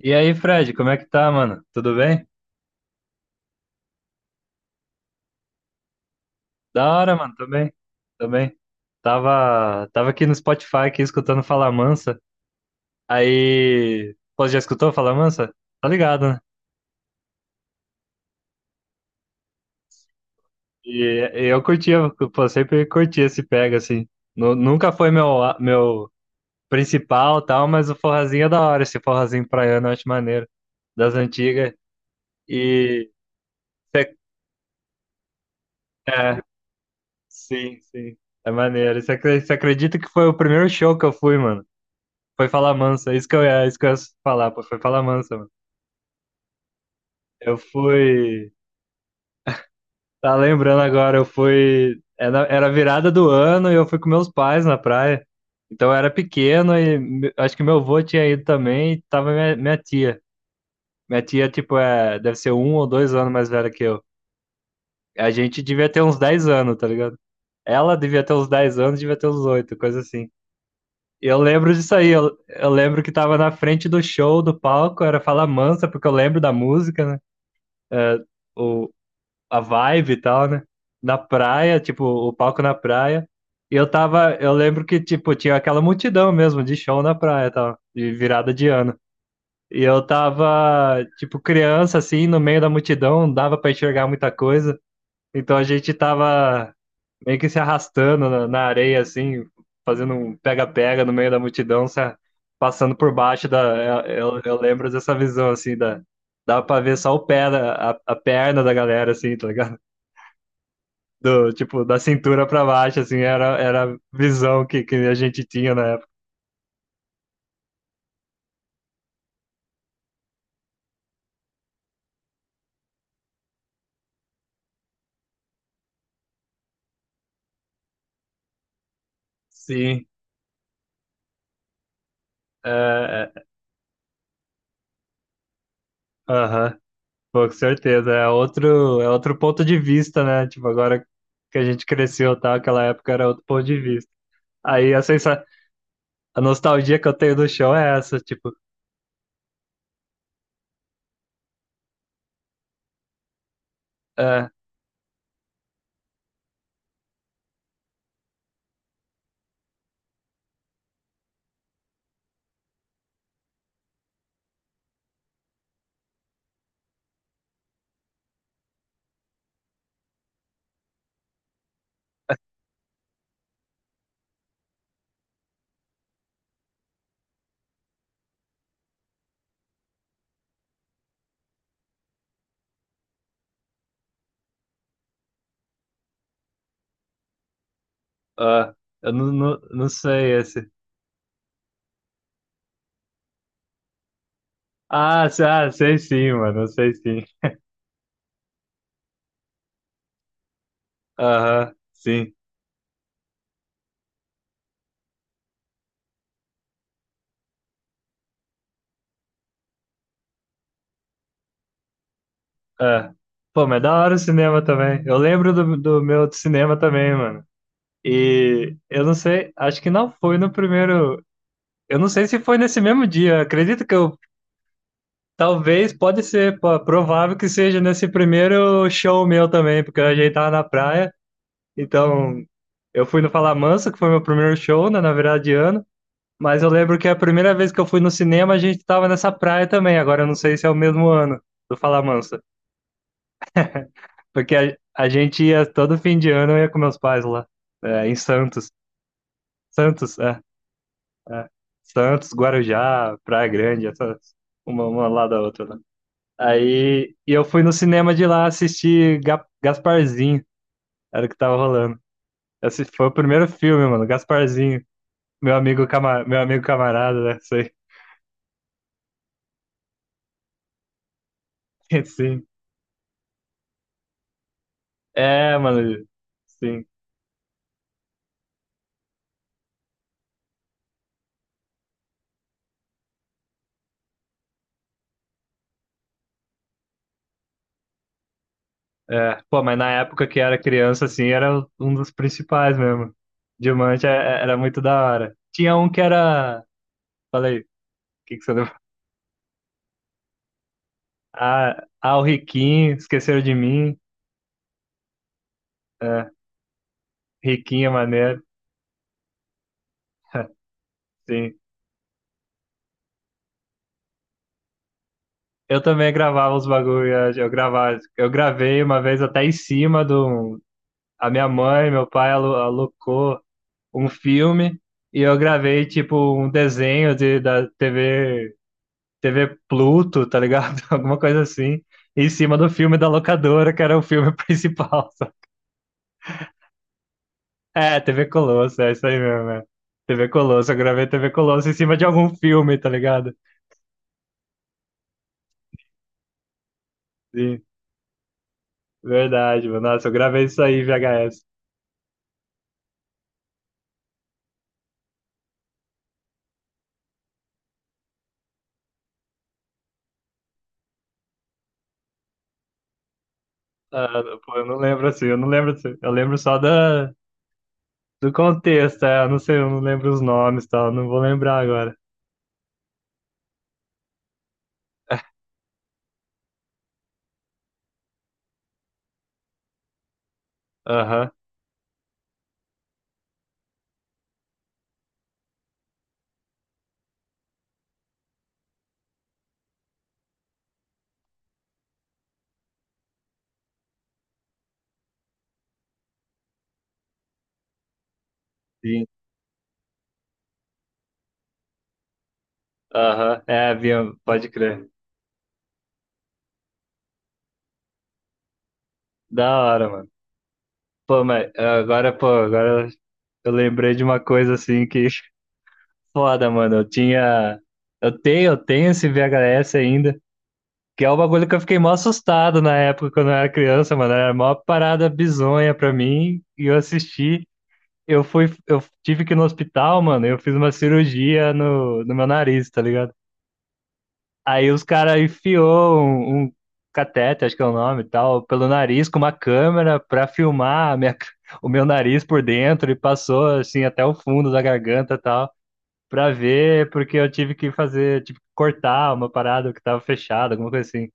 E aí, Fred, como é que tá, mano? Tudo bem? Da hora, mano, tô bem, tô bem. Tava aqui no Spotify, aqui, escutando Fala Mansa. Aí, pô, já escutou Fala Mansa? Tá ligado, né? E, eu curtia, pô, sempre curti esse pega, assim. Nunca foi meu, meu principal, tal, mas o forrazinho é da hora, esse forrazinho praiano, eu acho maneiro, das antigas. E, cê- é, sim, é maneiro. Você acredita que foi o primeiro show que eu fui, mano? Foi falar mansa, é isso que eu ia, é isso que eu ia falar, pô, foi falar mansa, mano. Eu fui, tá lembrando agora, eu fui, era virada do ano e eu fui com meus pais na praia. Então eu era pequeno e acho que meu avô tinha ido também e tava minha tia. Minha tia, tipo, é, deve ser um ou dois anos mais velha que eu. A gente devia ter uns 10 anos, tá ligado? Ela devia ter uns 10 anos, devia ter uns 8, coisa assim. E eu lembro disso aí, eu lembro que tava na frente do show, do palco, era Fala Mansa, porque eu lembro da música, né? é, o, a vibe e tal, né? Na praia, tipo, o palco na praia. E eu tava, eu lembro que, tipo, tinha aquela multidão mesmo de show na praia e tal, de virada de ano. E eu tava, tipo, criança, assim, no meio da multidão, não dava pra enxergar muita coisa. Então a gente tava meio que se arrastando na areia, assim, fazendo um pega-pega no meio da multidão, passando por baixo da. Eu lembro dessa visão, assim, da. Dava pra ver só o pé, a perna da galera, assim, tá ligado? Do, tipo, da cintura pra baixo, assim, era a visão que a gente tinha na época. Sim, é, é, aham, pô, com certeza. É outro ponto de vista, né? Tipo, agora que a gente cresceu, tá? Aquela época era outro ponto de vista. Aí a sensa A nostalgia que eu tenho do show é essa, tipo, é, ah, eu não sei esse. Ah, sei sim, mano, eu sei sim. Aham, sim. É. Pô, mas é da hora o cinema também. Eu lembro do, do meu cinema também, mano. E eu não sei, acho que não foi no primeiro. Eu não sei se foi nesse mesmo dia. Acredito que eu. Talvez, pode ser, pô, provável que seja nesse primeiro show meu também, porque a gente tava na praia. Então, eu fui no Falamansa, que foi meu primeiro show, né, na virada de ano. Mas eu lembro que a primeira vez que eu fui no cinema, a gente tava nessa praia também. Agora eu não sei se é o mesmo ano do Falamansa. Porque a gente ia todo fim de ano, eu ia com meus pais lá, é, em Santos. Santos, é, é. Santos, Guarujá, Praia Grande, essas, uma lá da outra. Né? Aí e eu fui no cinema de lá assistir Gasparzinho, era o que tava rolando. Esse foi o primeiro filme, mano, Gasparzinho. Meu amigo, meu amigo camarada, né? Sei. Sim. É, mano. Sim. É. Pô, mas na época que era criança, assim, era um dos principais mesmo. Diamante é- É, era muito da hora. Tinha um que era. Falei, o que que você lembra? O Riquinho, esqueceram de mim. É, Riquinho é maneiro. Sim. Eu também gravava os bagulho, eu gravava, eu gravei uma vez até em cima do a minha mãe, meu pai alocou um filme e eu gravei tipo um desenho de, da TV T V Pluto, tá ligado? Alguma coisa assim. Em cima do filme da locadora, que era o filme principal. Sabe? É, T V Colosso, é isso aí mesmo. É. T V Colosso, eu gravei T V Colosso em cima de algum filme, tá ligado? Sim, verdade, mano. Nossa, eu gravei isso aí, VHS. Ah, pô, eu não lembro assim, eu não lembro assim. Eu lembro só da, do contexto, é, eu não sei, eu não lembro os nomes e tal, não vou lembrar agora. Aham, sim. Aham, é, Bia, pode crer. Da hora, mano. Pô, mas ah, agora, pô, agora eu lembrei de uma coisa assim que foda, mano. Eu tinha. Eu tenho esse VHS ainda. Que é o bagulho que eu fiquei mó assustado na época quando eu era criança, mano. Era a maior parada bizonha pra mim. E eu assisti. Eu fui. Eu tive que ir no hospital, mano. E eu fiz uma cirurgia no meu nariz, tá ligado? Aí os caras enfiou um catete, acho que é o nome e tal, pelo nariz com uma câmera pra filmar a minha, o meu nariz por dentro e passou assim até o fundo da garganta e tal. Pra ver, porque eu tive que fazer, tipo, cortar uma parada que tava fechada, alguma coisa assim.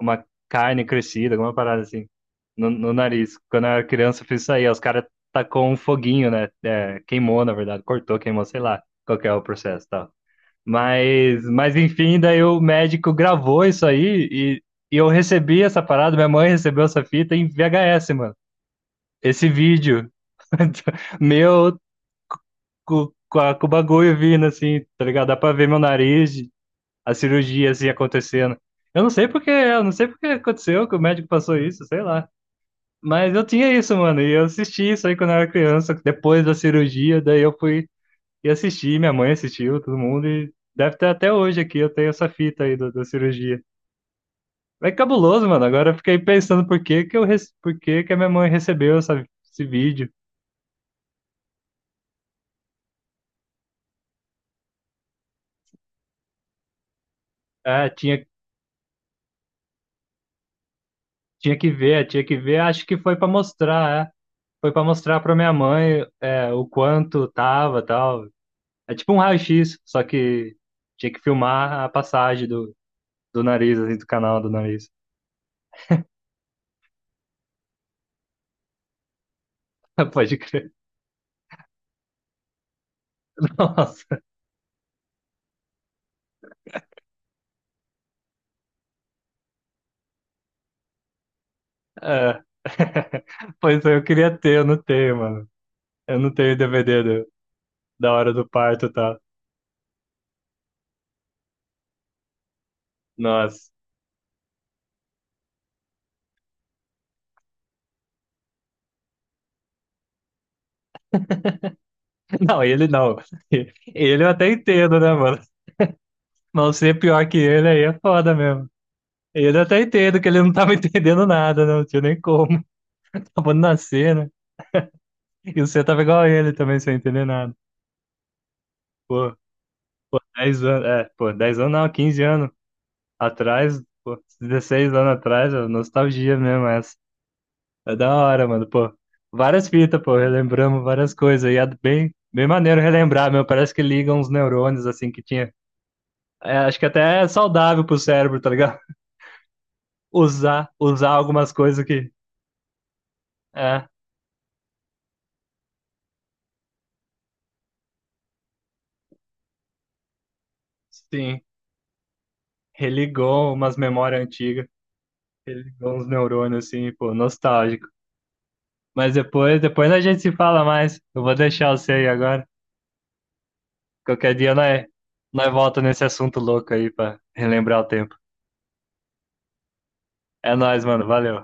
Uma carne crescida, alguma parada assim, no, no nariz. Quando eu era criança, eu fiz isso aí. Aí os caras tacou um foguinho, né? É, queimou, na verdade, cortou, queimou, sei lá qual que é o processo e tal. Mas enfim, daí o médico gravou isso aí e eu recebi essa parada, minha mãe recebeu essa fita em VHS, mano. Esse vídeo meu com o bagulho vindo, assim, tá ligado? Dá pra ver meu nariz, a cirurgia, assim, acontecendo. Eu não sei porque, eu não sei porque aconteceu, que o médico passou isso, sei lá. Mas eu tinha isso, mano, e eu assisti isso aí quando eu era criança, depois da cirurgia, daí eu fui e assisti, minha mãe assistiu, todo mundo, e deve ter até hoje aqui, eu tenho essa fita aí da cirurgia. É cabuloso, mano, agora eu fiquei pensando por que que eu, por que que a minha mãe recebeu essa, esse vídeo. Ah, tinha que ver, acho que foi pra mostrar, é. Foi pra mostrar pra minha mãe é, o quanto tava tal. É tipo um raio-x, só que tinha que filmar a passagem do, do nariz, assim, do canal do nariz. Pode crer. Nossa. É. Pois é, eu queria ter, eu não tenho, mano. Eu não tenho DVD da hora do parto, tá? Nossa. Não, ele não. Ele eu até entendo, né, mano? Mas ser pior que ele aí é foda mesmo. Ele eu até entendo que ele não tava entendendo nada, né? Não tinha nem como. Tava nascendo e você tava igual a ele também, sem entender nada. Pô, 10 anos, é, pô, 10 anos não, 15 anos atrás, pô, 16 anos atrás, ó, nostalgia mesmo essa. É da hora, mano, pô. Várias fitas, pô, relembramos várias coisas. E é bem, bem maneiro relembrar, meu. Parece que ligam uns neurônios, assim, que tinha. É, acho que até é saudável pro cérebro, tá ligado? Usar, usar algumas coisas que. É, sim. Religou umas memórias antigas. Religou uns neurônios, assim, pô, nostálgico. Mas depois, depois a gente se fala mais. Eu vou deixar você aí agora. Qualquer dia nós, nós volta nesse assunto louco aí pra relembrar o tempo. É nóis, mano. Valeu.